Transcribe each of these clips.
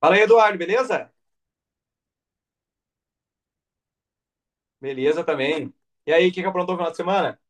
Fala aí, Eduardo, beleza? Beleza também. E aí, o que que aprontou no final de semana?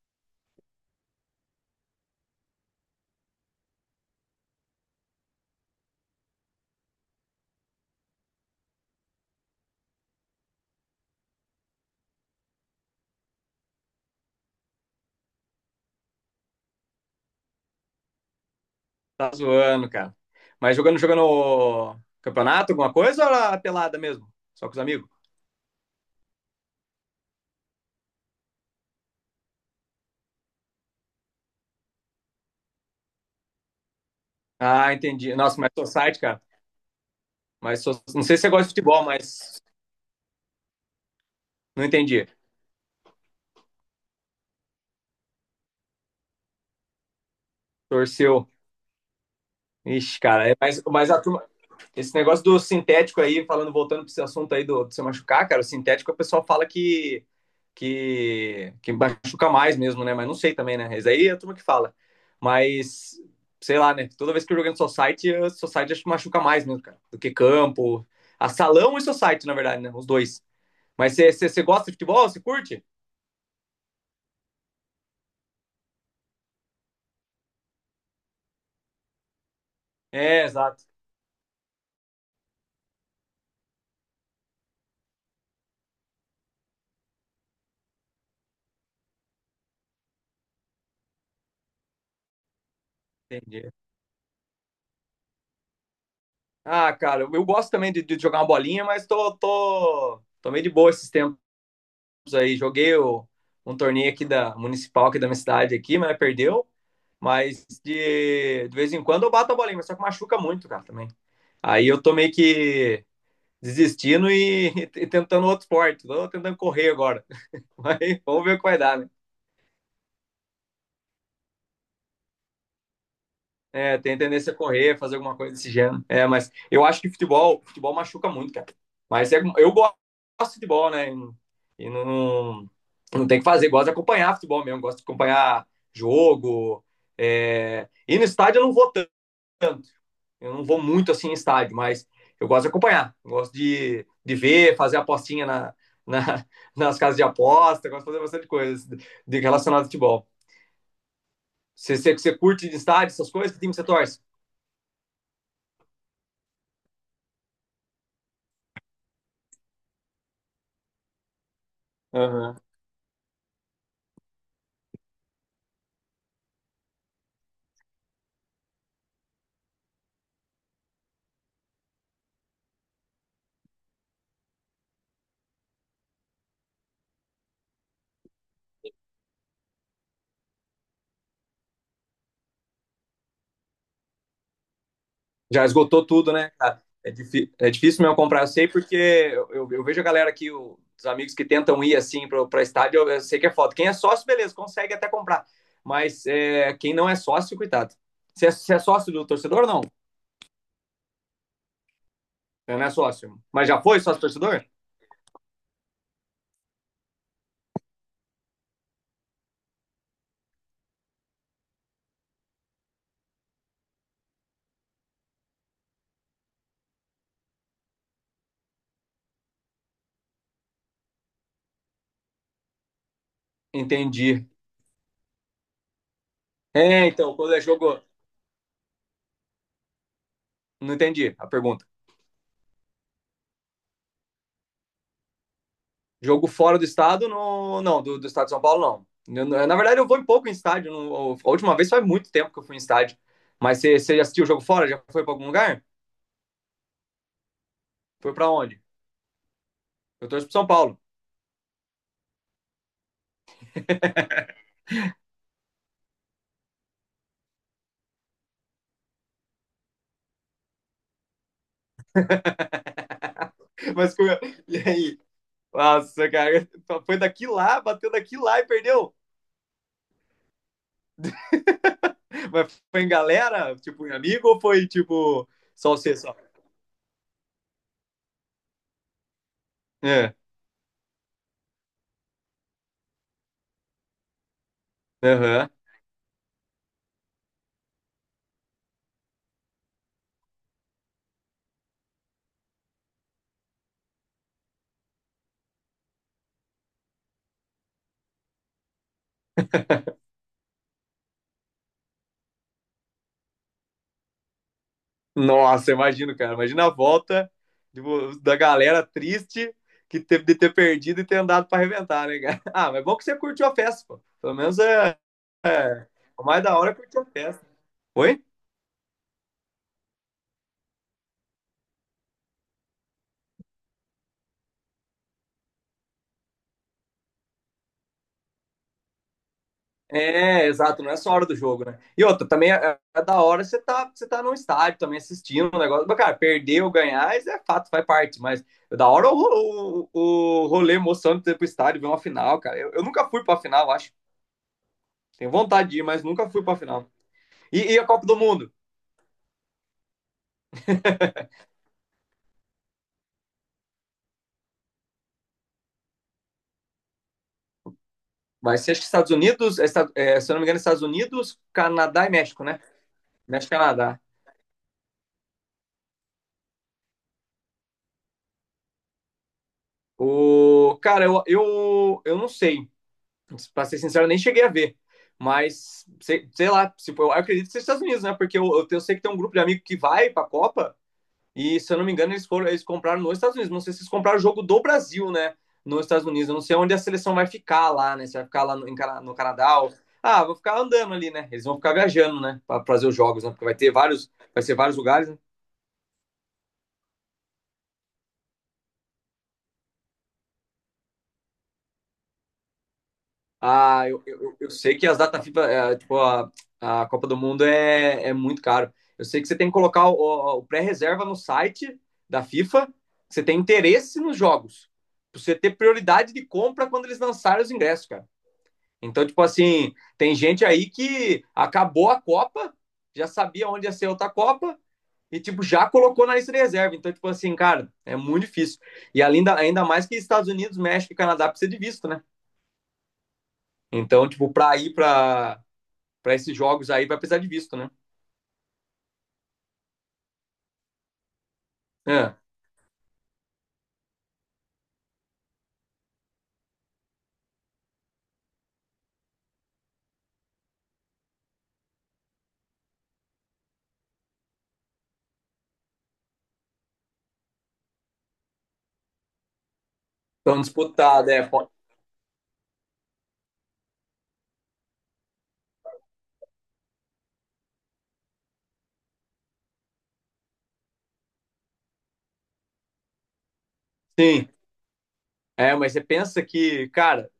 Tá zoando, cara. Mas jogando campeonato, alguma coisa ou era pelada mesmo? Só com os amigos? Ah, entendi. Nossa, mas society, cara. Não sei se você gosta de futebol, mas não entendi. Torceu. Ixi, cara. Mas, a turma, esse negócio do sintético aí, falando, voltando para esse assunto aí do se machucar, cara, o sintético o pessoal fala que machuca mais mesmo, né? Mas não sei também, né? Isso aí é a turma que fala. Mas, sei lá, né? Toda vez que eu joguei no Society, o Society acho que machuca mais mesmo, cara, do que campo. A salão e Society, na verdade, né? Os dois. Mas você gosta de futebol? Você curte? É, exato. Entendi. Ah, cara, eu gosto também de jogar uma bolinha, mas tô meio de boa esses tempos. Aí, um torneio aqui da municipal aqui da minha cidade aqui, mas perdeu. Mas de vez em quando eu bato a bolinha, mas só que machuca muito, cara, também. Aí eu tô meio que desistindo e, e tentando outro esporte. Tô tentando correr agora. Mas vamos ver o que vai dar, né? É, tem tendência a correr, fazer alguma coisa desse gênero. É, mas eu acho que futebol machuca muito, cara. Mas é, eu gosto de futebol, né? E não, não tem o que fazer. Gosto de acompanhar futebol mesmo, gosto de acompanhar jogo. E no estádio eu não vou tanto, eu não vou muito assim em estádio, mas eu gosto de acompanhar, gosto de ver, fazer apostinha na, nas casas de aposta, gosto de fazer bastante coisa de relacionado ao futebol. Você curte de estádio, essas coisas? Que time você torce? Uhum. Já esgotou tudo, né, cara? É, difí É difícil mesmo comprar, eu sei, porque eu vejo a galera aqui, o, os amigos que tentam ir assim para estádio, eu sei que é foda. Quem é sócio, beleza, consegue até comprar. Mas é, quem não é sócio, cuidado. Você é sócio do torcedor ou não? Eu não é sócio. Mas já foi sócio torcedor? Entendi. É, então, quando é jogo. Não entendi a pergunta. Jogo fora do estado, não, do estado de São Paulo, não. Eu, na verdade, eu vou em pouco em estádio. No, a última vez faz muito tempo que eu fui em estádio. Mas você já assistiu o jogo fora? Já foi para algum lugar? Foi para onde? Eu torço pro São Paulo. Mas como eu... E aí? Nossa, cara, foi daqui lá, bateu daqui lá e perdeu. Mas foi em galera, tipo, em amigo ou foi, tipo, só você só? É, aham. Nossa, imagino, cara. Imagina a volta, tipo, da galera triste que teve de ter perdido e ter andado pra arrebentar, né, cara? Ah, mas é bom que você curtiu a festa, pô. Pelo menos o mais da hora é curtir a festa. Oi? É, exato, não é só a hora do jogo, né? E outra, também é, é da hora você tá num estádio também assistindo o negócio. Mas, cara, perder ou ganhar, isso é fato, faz parte. Mas é da hora o rolê emocionante de ter pro estádio, ver uma final, cara. Eu nunca fui pra final, acho. Tenho vontade de ir, mas nunca fui pra final. E a Copa do Mundo? Vai ser, acho que Estados Unidos, é, é, se eu não me engano, Estados Unidos, Canadá e México, né? México e Canadá. O, cara, eu não sei. Pra ser sincero, eu nem cheguei a ver. Mas, sei, sei lá, se, eu acredito que seja Estados Unidos, né? Porque eu sei que tem um grupo de amigos que vai pra Copa e, se eu não me engano, eles foram, eles compraram nos Estados Unidos. Não sei se eles compraram o jogo do Brasil, né? Nos Estados Unidos. Eu não sei onde a seleção vai ficar lá, né? Se vai ficar lá em no Canadá ou... Ah, vão ficar andando ali, né? Eles vão ficar viajando, né? Pra fazer os jogos, né? Porque vai ter vários, vai ser vários lugares, né? Ah, eu sei que as data FIFA, é, tipo, a Copa do Mundo é, é muito caro. Eu sei que você tem que colocar o pré-reserva no site da FIFA, que você tem interesse nos jogos, pra você ter prioridade de compra quando eles lançarem os ingressos, cara. Então, tipo assim, tem gente aí que acabou a Copa, já sabia onde ia ser outra Copa e, tipo, já colocou na lista de reserva. Então, tipo assim, cara, é muito difícil. E ainda, ainda mais que Estados Unidos, México e Canadá precisa de visto, né? Então, tipo, para ir para esses jogos aí vai precisar de visto, né? É, tão disputado, é. Sim. É, mas você pensa que, cara,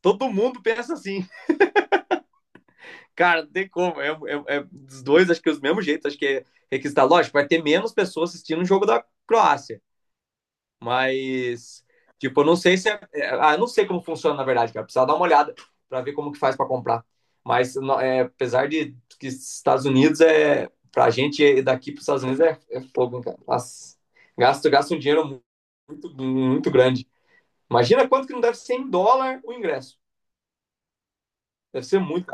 todo mundo pensa assim. Cara, não tem como. É, os dois, acho que é do mesmo jeito. Acho que é requisitado. Lógico, vai ter menos pessoas assistindo o jogo da Croácia. Mas, tipo, eu não sei se é. É, Ah, eu não sei como funciona, na verdade, cara. Precisava dar uma olhada para ver como que faz para comprar. Mas é, apesar de que Estados Unidos é. Pra gente daqui para os Estados Unidos é, é fogo, hein, cara. Nossa, gasto um dinheiro muito grande. Imagina quanto que não deve ser em dólar o ingresso. Deve ser muito.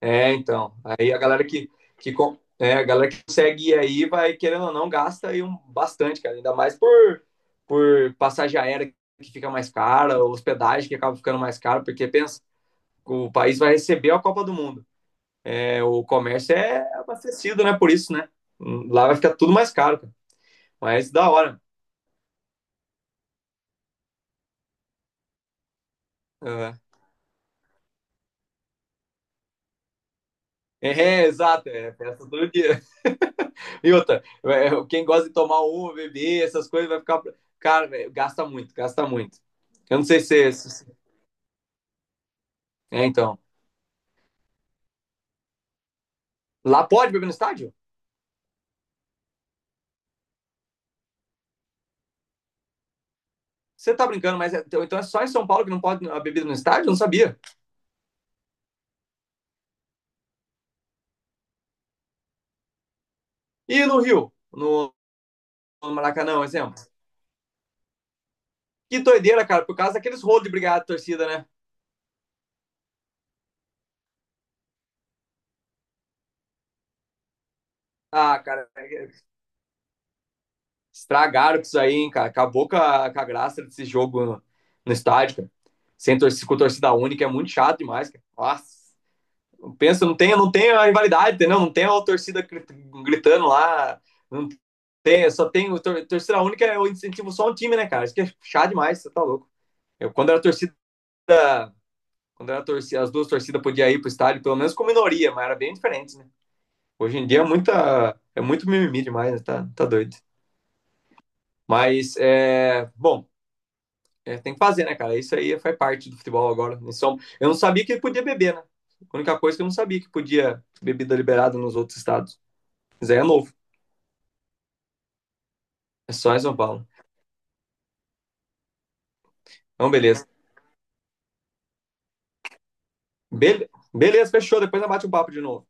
É, então. Aí a galera que, é, a galera que consegue ir aí vai, querendo ou não, gasta aí um, bastante, cara. Ainda mais por passagem aérea que fica mais cara, hospedagem que acaba ficando mais cara, porque pensa, o país vai receber a Copa do Mundo. É, o comércio é abastecido, né? Por isso, né? Lá vai ficar tudo mais caro, cara. Mas da hora. Uhum. É, exato, é festa todo dia. E outra, é, quem gosta de tomar uma, beber, essas coisas, vai ficar. Cara, velho, gasta muito. Eu não sei se. É, se- É, então. Lá pode beber no estádio? Você tá brincando, mas então então é só em São Paulo que não pode a bebida no estádio? Eu não sabia. E no Rio? No, no Maracanã, um exemplo. Que doideira, cara, por causa daqueles rolos de brigada de torcida, né? Ah, cara, é, é, estragaram com isso aí, hein, cara. Acabou com a graça desse jogo no estádio, cara. Sem torcida, com torcida única é muito chato demais, cara. Nossa. Pensa, não tem, não tem a rivalidade, entendeu? Não tem a torcida gritando lá, não tem, só tem torcida única, eu incentivo só um time, né, cara? Isso que é chato demais, você tá louco. Eu, quando era torcida, as duas torcidas podiam ir pro estádio, pelo menos com minoria, mas era bem diferente, né? Hoje em dia é muita, é muito mimimi demais, né? Tá, tá doido. Mas, é, bom, é, tem que fazer, né, cara? Isso aí faz parte do futebol agora. Eu não sabia que podia beber, né? A única coisa que eu não sabia que podia bebida liberada nos outros estados. Mas aí é novo. É só em São Paulo. Então, beleza. Beleza, fechou. Depois nós bate o papo de novo.